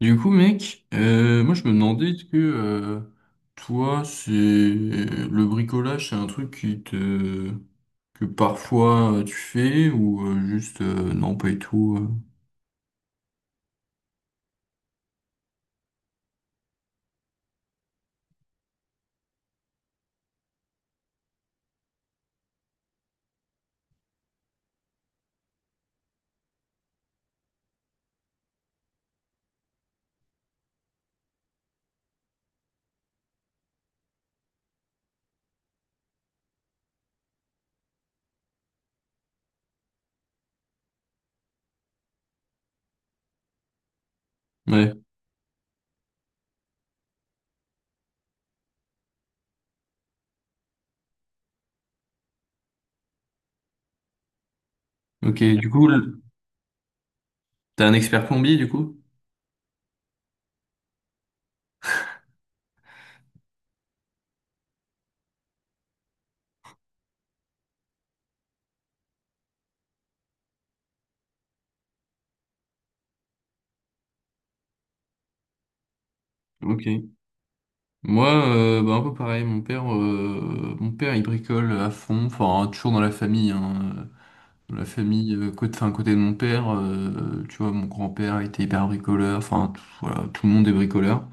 Du coup, mec, moi je me demandais est-ce que toi, c'est le bricolage, c'est un truc qui te que parfois tu fais ou juste non pas du tout. Ouais. Ok. Du coup, t'es un expert plombier du coup? Ok. Moi, bah, un peu pareil. Mon père, il bricole à fond. Enfin, toujours dans la famille. Hein. Dans la famille, côté, enfin, côté de mon père, tu vois, mon grand-père était hyper bricoleur. Enfin, voilà, tout le monde est bricoleur.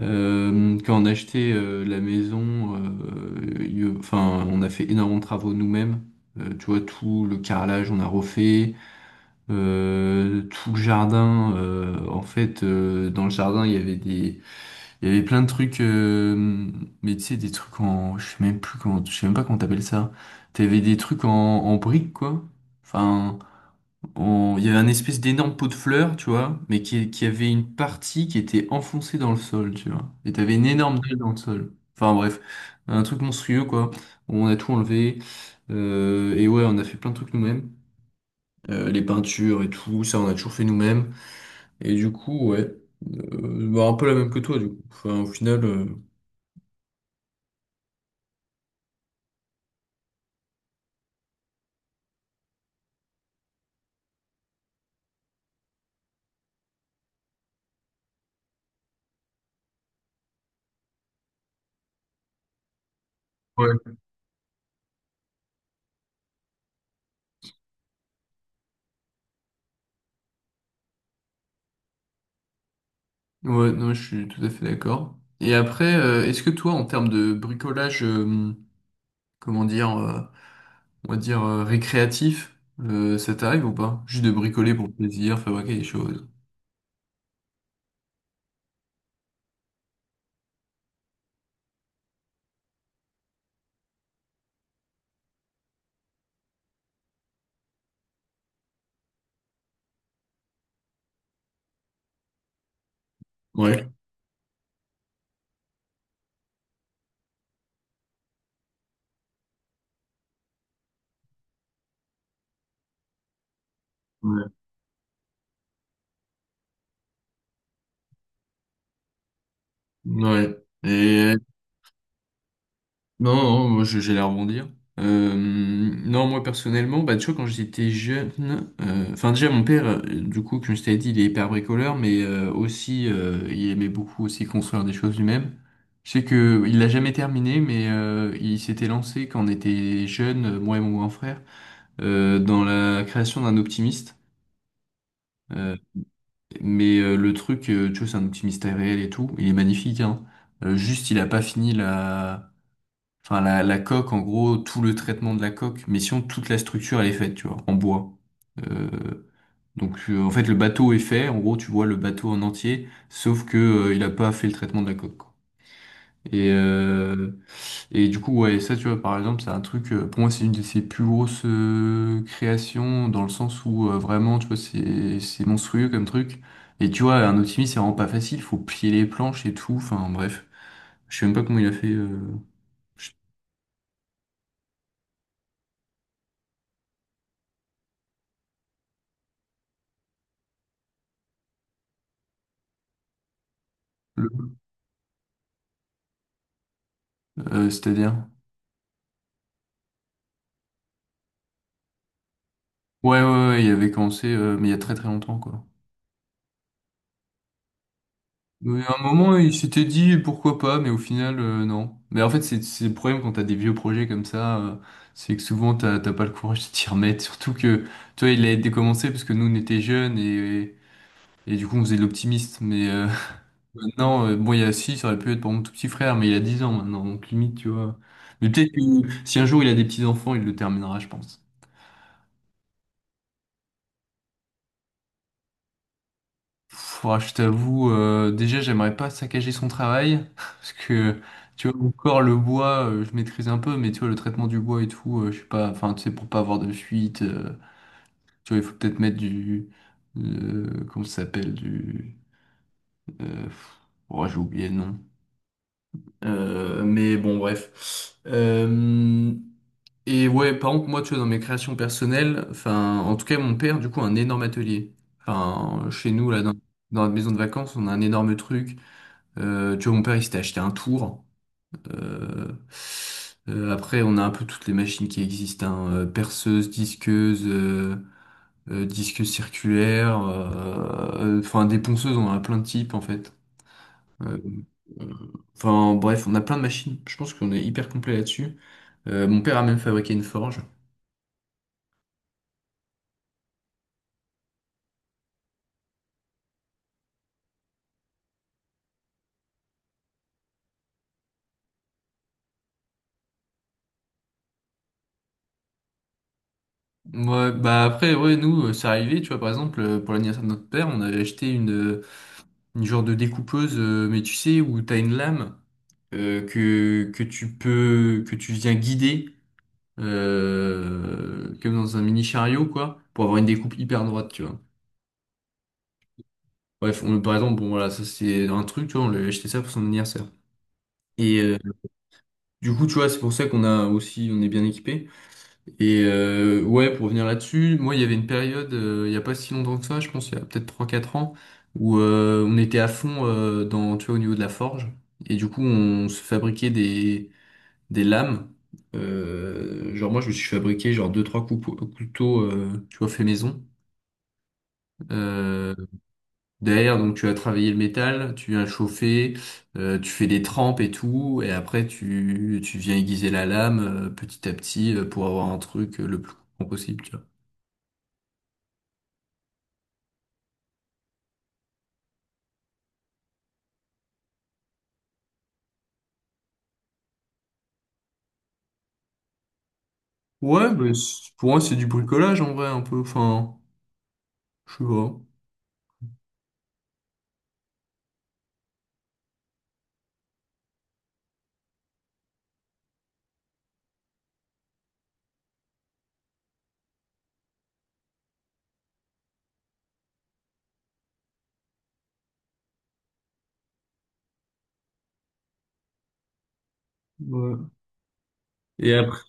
Quand on a acheté la maison, enfin, on a fait énormément de travaux nous-mêmes. Tu vois, tout le carrelage, on a refait. Tout le jardin, en fait, dans le jardin, il y avait il y avait plein de trucs, mais tu sais, des trucs en, je sais même plus comment, je sais même pas comment t'appelles ça. T'avais des trucs en, en briques, quoi. Enfin il y avait un espèce d'énorme pot de fleurs, tu vois, mais qui avait une partie qui était enfoncée dans le sol, tu vois. Et t'avais une énorme dalle dans le sol. Enfin bref, un truc monstrueux, quoi. On a tout enlevé. Et ouais, on a fait plein de trucs nous-mêmes. Les peintures et tout, ça, on a toujours fait nous-mêmes. Et du coup, ouais. Bah, un peu la même que toi, du coup. Enfin, au final. Ouais. Ouais, non, je suis tout à fait d'accord. Et après, est-ce que toi, en termes de bricolage, comment dire. On va dire, récréatif, ça t'arrive ou pas? Juste de bricoler pour le plaisir, fabriquer des choses. Ouais, Ouais. Ouais. Et non, non, moi j'allais rebondir. Non, moi personnellement, bah, tu vois, quand j'étais jeune, enfin déjà mon père, du coup, comme je t'avais dit, il est hyper bricoleur, mais aussi il aimait beaucoup aussi construire des choses lui-même. Je sais que il l'a jamais terminé, mais il s'était lancé quand on était jeune, moi et mon grand frère, dans la création d'un optimiste. Euh, Mais le truc, tu vois, c'est un petit mystère réel et tout. Il est magnifique, hein. Juste, il a pas fini la. Enfin, la coque, en gros, tout le traitement de la coque. Mais sinon, toute la structure, elle est faite, tu vois, en bois. Euh, donc, en fait, le bateau est fait. En gros, tu vois le bateau en entier, sauf que, il a pas fait le traitement de la coque, quoi. Et, euh, et du coup, ouais, ça, tu vois, par exemple, c'est un truc, pour moi, c'est une de ses plus grosses créations, dans le sens où vraiment, tu vois, c'est monstrueux comme truc. Et tu vois, un optimiste, c'est vraiment pas facile, faut plier les planches et tout, enfin, bref. Je sais même pas comment il a fait, je- le- c'est-à-dire. Ouais, ouais, ouais, il avait commencé, mais il y a très très longtemps, quoi. Mais à un moment, il s'était dit pourquoi pas, mais au final, non. Mais en fait, c'est le problème quand t'as des vieux projets comme ça, c'est que souvent t'as pas le courage de t'y remettre. Surtout que toi, il a été commencé parce que nous, on était jeunes et, du coup, on faisait de l'optimiste. Mais maintenant, bon, il y a six, ça aurait pu être pour mon tout petit frère, mais il a 10 ans maintenant, donc limite, tu vois. Mais peut-être que si un jour il a des petits-enfants, il le terminera, je pense. Pff, ah, je t'avoue, déjà, j'aimerais pas saccager son travail, parce que, tu vois, encore le bois, je maîtrise un peu, mais tu vois, le traitement du bois et tout, je sais pas, enfin, tu sais, pour pas avoir de fuite, tu vois, il faut peut-être mettre du, comment ça s'appelle, du, euh, pff, oh, j'ai oublié le nom. Mais bon, bref. Et ouais, par contre, moi, tu vois, dans mes créations personnelles, enfin, en tout cas, mon père, du coup, a un énorme atelier. Enfin, chez nous, là, dans la maison de vacances, on a un énorme truc. Tu vois, mon père, il s'était acheté un tour. Euh, après, on a un peu toutes les machines qui existent, hein, perceuse, disqueuse, disqueuse circulaire, enfin des ponceuses, on en a plein de types en fait. Euh, Enfin bref, on a plein de machines. Je pense qu'on est hyper complet là-dessus. Mon père a même fabriqué une forge. Ouais, bah après, ouais, nous, c'est arrivé, tu vois, par exemple, pour l'anniversaire de notre père, on avait acheté une genre de découpeuse, mais tu sais, où t'as une lame que tu peux, que tu viens guider, comme dans un mini chariot, quoi, pour avoir une découpe hyper droite, tu vois. Bref, on, par exemple, bon, voilà, ça c'est un truc, tu vois, on lui a acheté ça pour son anniversaire. Et du coup, tu vois, c'est pour ça qu'on a aussi, on est bien équipé. Et ouais, pour revenir là-dessus, moi, il y avait une période, il n'y a pas si longtemps que ça, je pense, il y a peut-être 3 4 ans, où on était à fond dans, tu vois, au niveau de la forge. Et du coup, on se fabriquait des lames. Genre, moi, je me suis fabriqué genre deux trois 3 couteaux, tu vois, fait maison. Euh, derrière, donc, tu as travaillé le métal, tu viens le chauffer, tu fais des trempes et tout, et après, tu viens aiguiser la lame petit à petit pour avoir un truc le plus coupant possible, tu vois. Ouais, mais pour moi, c'est du bricolage en vrai, un peu. Enfin, je sais pas. Ouais. Et après,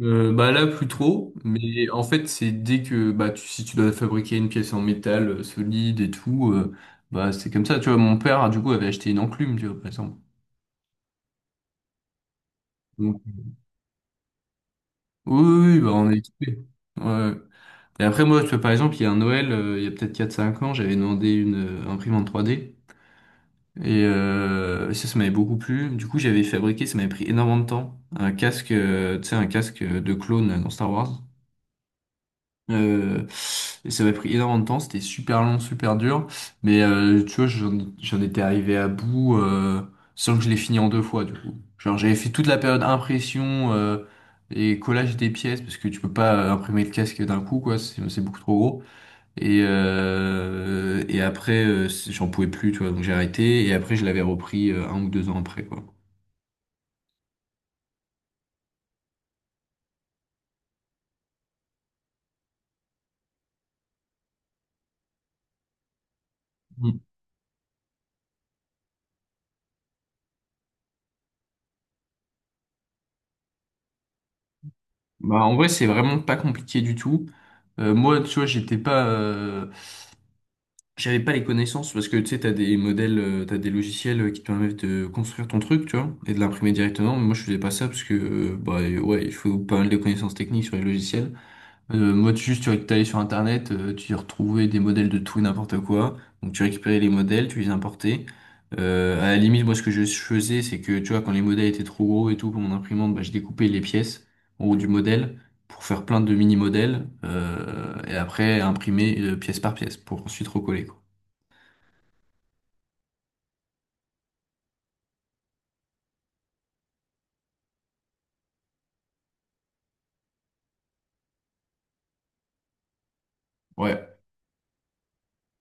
bah là, plus trop. Mais en fait, c'est dès que bah tu, si tu dois fabriquer une pièce en métal solide et tout, bah c'est comme ça. Tu vois, mon père, du coup, avait acheté une enclume, tu vois, par exemple. Donc, oui, oui, oui, bah on est équipé. Ouais. Et après, moi, tu vois, par exemple, il y a un Noël, il y a peut-être 4 5 ans, j'avais demandé une imprimante 3D. Et ça, ça m'avait beaucoup plu. Du coup, j'avais fabriqué, ça m'avait pris énormément de temps, un casque, tu sais, un casque de clone dans Star Wars. Euh, et ça m'avait pris énormément de temps, c'était super long, super dur. Mais tu vois, j'en étais arrivé à bout sans que je l'ai fini en deux fois, du coup. Genre, j'avais fait toute la période impression et collage des pièces, parce que tu peux pas imprimer le casque d'un coup, quoi, c'est beaucoup trop gros. Et après, j'en pouvais plus, tu vois, donc j'ai arrêté. Et après, je l'avais repris un ou deux ans après, quoi. Mm. Bah, en vrai, c'est vraiment pas compliqué du tout. Moi, tu vois, j'avais pas les connaissances parce que tu sais, t'as des modèles, t'as des logiciels qui te permettent de construire ton truc, tu vois, et de l'imprimer directement. Mais moi, je faisais pas ça parce que, bah, ouais, il faut pas mal de connaissances techniques sur les logiciels. Motus, tu allé sur Internet, tu y retrouvais des modèles de tout et n'importe quoi. Donc tu récupérais les modèles, tu les importais. À la limite, moi ce que je faisais, c'est que tu vois, quand les modèles étaient trop gros et tout pour mon imprimante, bah, je découpais les pièces en haut du modèle pour faire plein de mini-modèles et après imprimer pièce par pièce pour ensuite recoller, quoi. Ouais.